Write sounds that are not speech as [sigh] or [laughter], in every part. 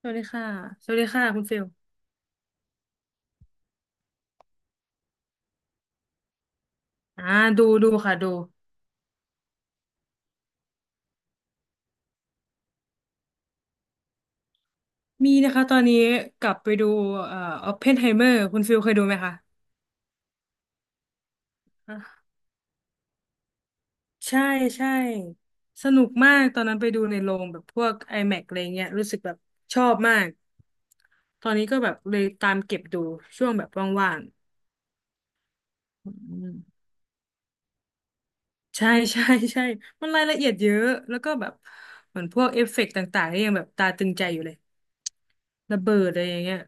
สวัสดีค่ะสวัสดีค่ะคุณฟิลอ่าดูดูค่ะดูมีนะคะตอนนี้กลับไปดูเอ่อออปเพนไฮเมอร์คุณฟิลเคยดูไหมคะอ่ะใช่ใช่สนุกมากตอนนั้นไปดูในโรงแบบพวก IMAX อแม็กซ์อะไรเงี้ยรู้สึกแบบชอบมากตอนนี้ก็แบบเลยตามเก็บดูช่วงแบบว่างๆอืมใช่ใช่ใช่มันรายละเอียดเยอะแล้วก็แบบเหมือนพวกเอฟเฟกต์ต่างๆนี่ยังแบบตาตึงใจอยู่เลยระเบิดอะไรอย่างเงี้ย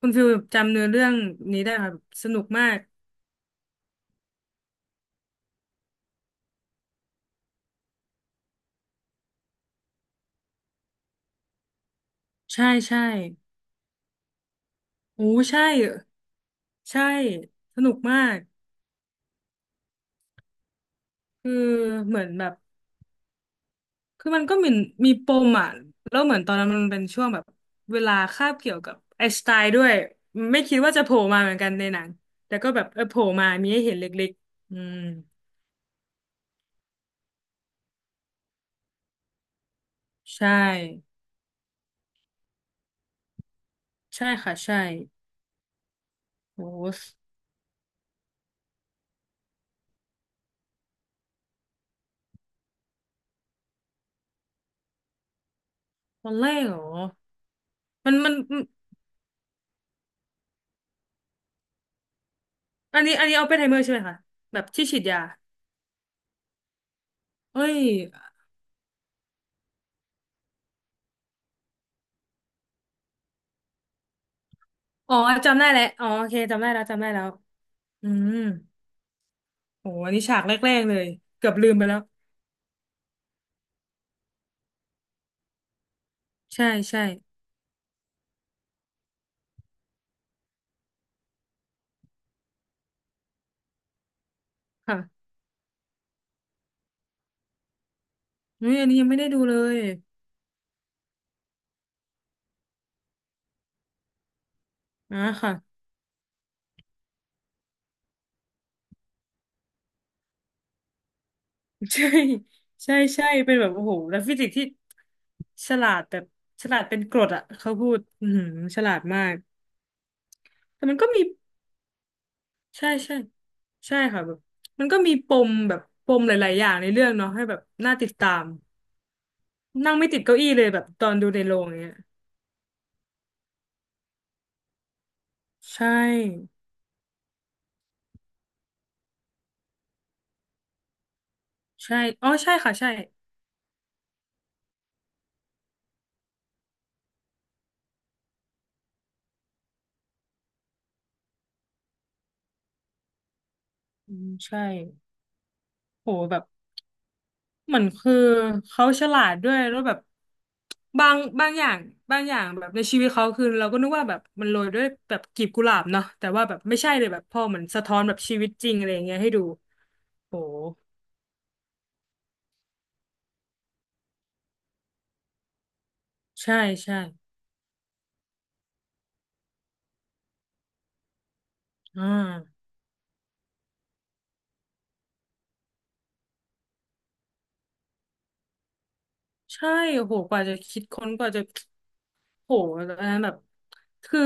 คุณฟิลจำเนื้อเรื่องนี้ได้ครับสนุกมากใช่ใช่โอ้ใช่ใช่สนุกมากคือเหมือนแบบคือมันก็มีมีปมอ่ะแล้วเหมือนตอนนั้นมันเป็นช่วงแบบเวลาคาบเกี่ยวกับไอน์สไตน์ด้วยไม่คิดว่าจะโผล่มาเหมือนกันในหนังแต่ก็แบบเออโผล่มามีให้เห็นเล็กๆอืมใช่ใช่ค่ะใช่โอ้ตอนแรกเหรอมันอันนี้อันนี้เอาไปไทเมอร์ใช่ไหมคะแบบที่ฉีดยาเอ้ย อ๋อจำได้แล้วอ๋อโอเคจำได้แล้วจำได้แล้วอืมโหอันนี้ฉากแรกๆเลยเกือบลืมไปแล้วใช่ใช่ค่ะอุ้ยอันนี้ยังไม่ได้ดูเลยอ่ะค่ะ [laughs] ใช่ใช่ใช่เป็นแบบโอ้โหแล้วฟิสิกส์ที่ฉลาดแบบฉลาดเป็นกรดอ่ะเขาพูดอือหือฉลาดมากแต่มันก็มีใช่ใช่ใช่ค่ะแบบมันก็มีปมแบบปมหลายๆอย่างในเรื่องเนาะให้แบบน่าติดตามนั่งไม่ติดเก้าอี้เลยแบบตอนดูในโรงอย่างเนี้ยใช่ ใช่อ๋อใช่ค่ะใช่อืมใช่โหแบบเหมือนคือเขาฉลาดด้วยแล้วแบบบางบางอย่างบางอย่างแบบในชีวิตเขาคือเราก็นึกว่าแบบมันโรยด้วยแบบกลีบกุหลาบเนาะแต่ว่าแบบไม่ใช่เลยแบบพอเหมือนสะท้อนแบบชีวิตจริงอะไรอย่างเงี้ยให้ดูโหใช่ใช่อ่าใช่โอ้โหกว่าจะคิดค้นกว่าจะโหอันนั้นแบบคือ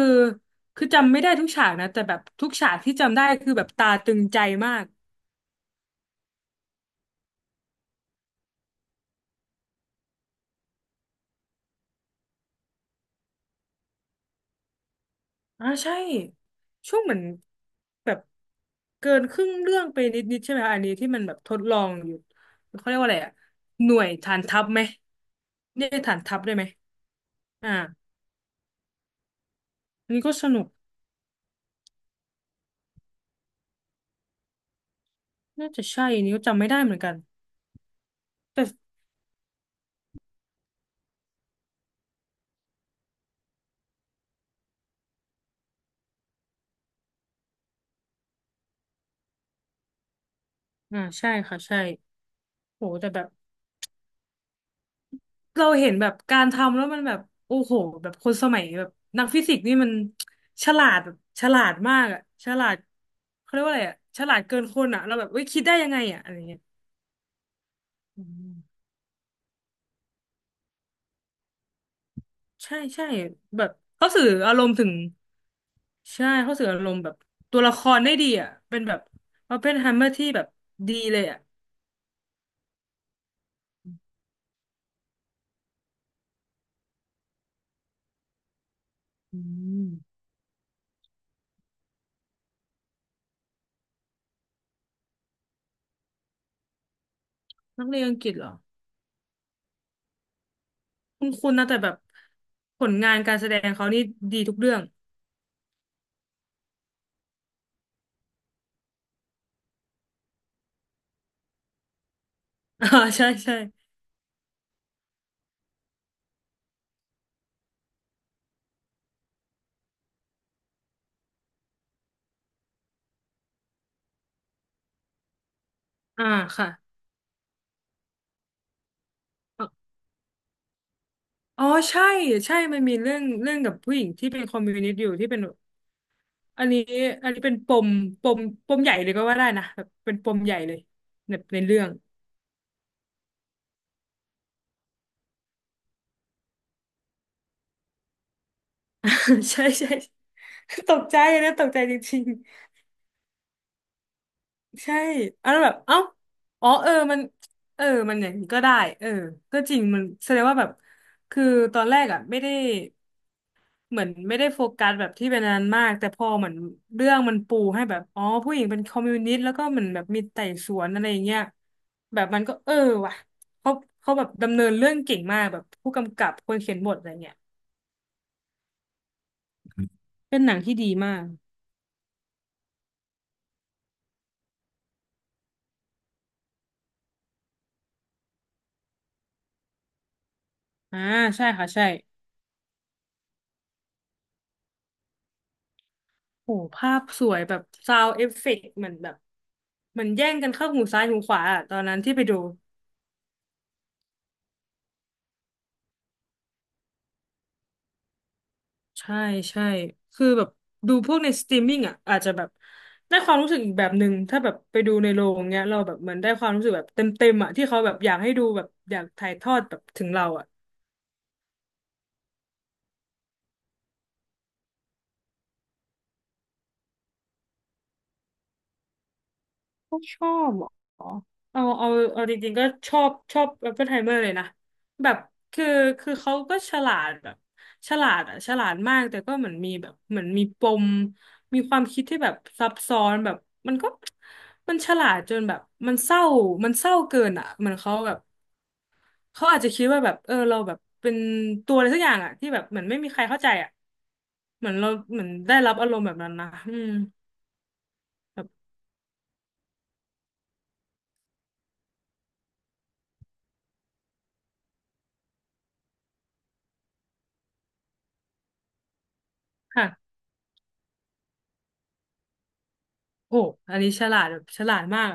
คือจำไม่ได้ทุกฉากนะแต่แบบทุกฉากที่จำได้คือแบบตาตึงใจมาก อ่าใช่ช่วงเหมือนแบบเกินครึ่งเรื่องไปนิดๆใช่ไหมอันนี้ที่มันแบบทดลองอยู่เขาเรียกว่าอะไรอะหน่วยฐานทัพไหมเรียกฐานทัพได้ไหมอ่าอันนี้ก็สนุกน่าจะใช่อันนี้ก็จำไม่ได้เหมือนกันแต่อ่าใช่ค่ะใช่โหแต่แบบเราเห็นแบบการทำแล้วมันแบบโอ้โหแบบคนสมัยแบบนักฟิสิกส์นี่มันฉลาดแบบฉลาดมากอะฉลาดเขาเรียกว่าอะไรอะฉลาดเกินคนอะเราแบบเว้ยคิดได้ยังไงอะอะไรเงี้ยอืม ใช่ใช่แบบเขาสื่ออารมณ์ถึงใช่เขาสื่ออารมณ์แบบตัวละครได้ดีอ่ะเป็นแบบออปเพนไฮเมอร์ที่แบบดีเลยอ่ะอืมนักเรียนอังกฤษเหรอคุณคุณนะแต่แบบผลงานการแสดงเขานี่ดีทุกเรื่อง [laughs] อ่าใช่ใช่อ่าค่ะอ๋ออ๋อใช่ใช่มันมีเรื่องเรื่องกับผู้หญิงที่เป็นคอมมิวนิสต์อยู่ที่เป็นอันนี้อันนี้เป็นปมปมปมใหญ่เลยก็ว่าได้นะแบบเป็นปมใหญ่เลยในในเรื่อง [laughs] ใช่ใช่ตกใจนะตกใจจริงๆใช่เอะแล้วแบบเอ้าอ๋อเออมันเออมันอย่างนี้ก็ได้เออก็จริงมันแสดงว่าแบบคือตอนแรกอ่ะไม่ได้เหมือนไม่ได้โฟกัสแบบที่เป็นอันนั้นมากแต่พอเหมือนเรื่องมันปูให้แบบอ๋อผู้หญิงเป็นคอมมิวนิสต์แล้วก็เหมือนแบบมีไต่สวนอะไรอย่างเงี้ยแบบมันก็เออว่ะเขาเขาแบบดำเนินเรื่องเก่งมากแบบผู้กำกับคนเขียนบทอะไรเงี้ยเป็นหนังที่ดีมากอ่าใช่ค่ะใช่ โหภาพสวยแบบซาวเอฟเฟกต์เหมือนแบบเหมือนแย่งกันเข้าหูซ้ายหูขวาอะตอนนั้นที่ไปดูใช่ใช่คือแบบดูพวกในสตรีมมิ่งอ่ะอาจจะแบบได้ความรู้สึกอีกแบบหนึ่งถ้าแบบไปดูในโรงเงี้ยเราแบบเหมือนได้ความรู้สึกแบบเต็มเต็มอ่ะที่เขาแบบอยากให้ดูแบบอยากถ่ายทอดแบบถึงเราอ่ะ ไม่ชอบเหรอเอาเอาเอาจริงๆก็ชอบชอบอ p ปเป i ไฮเมอร์เลยนะแบบคือคือเขาก็ฉลาดแบบฉลาดอ่ะฉลาดมากแต่ก็เหมือนมีแบบเหมือนมีปมมีความคิดที่แบบซับซ้อนแบบมันก็มันฉลาดจนแบบมันเศร้ามันเศร้าเกินอ่ะเหมือนเขาแบบเขาอาจจะคิดว่าแบบเออเราแบบเป็นตัวอะไรสักอย่างอ่ะที่แบบเหมือนไม่มีใครเข้าใจอ่ะเหมือนเราเหมือนได้รับอารมณ์แบบนั้นนะอืมแบบค่ะโอ้อันนี้ฉลาดแบบฉลาดมาก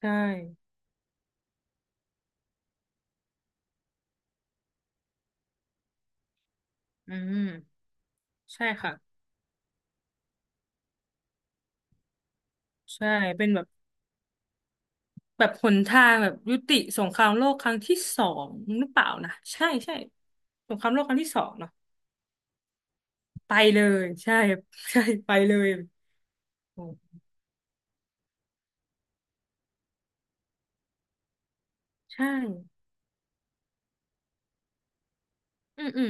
ใช่อืมใช่ค่ะใช่เป็นแบบแบบหนทางแบบยุติสงครามโลกครั้งที่สองหรือเปล่านะ ใช่ใช่สงครามโลกครั้งที่สองเนาะไปเลย ใช่ [laughs] ใช่ไปเลยโอ้ใช่อืมอืม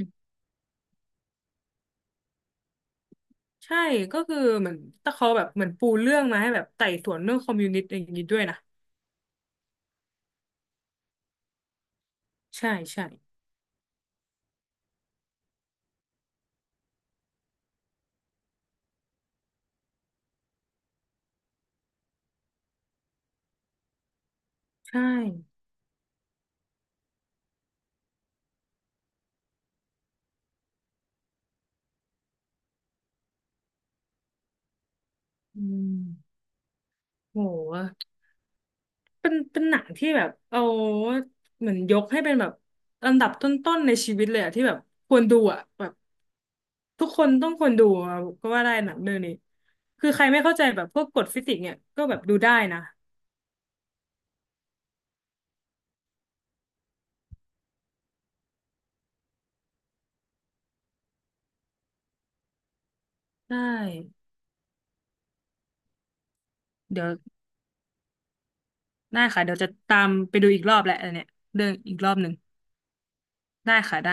ใช่ ก็คือเหมือนตะเขาแบบเหมือนปูเรื่องมาให้แบบไต่สวนเรื่องคอมมิวนิสต์อย่างนี้ด้วยนะ ใช่ใช่ใช่อืมโห เป็นเป็นหนังที่แบบเอาเหมือนยกให้เป็นแบบอันดับต้นๆในชีวิตเลยอะที่แบบควรดูอะแบบทุกคนต้องควรดูอะก็ว่าได้หนังเรื่องนี้คือใครไม่เข้าใจแบบพวกกฎฟิสิกส์เนี่ยก็แบบดูได้นะได้เดี๋ยวได้ค่ะเดี๋ยวจะตามไปดูอีกรอบแหละอันเนี้ยเรื่องอีกรอบหนึ่งได้ค่ะได้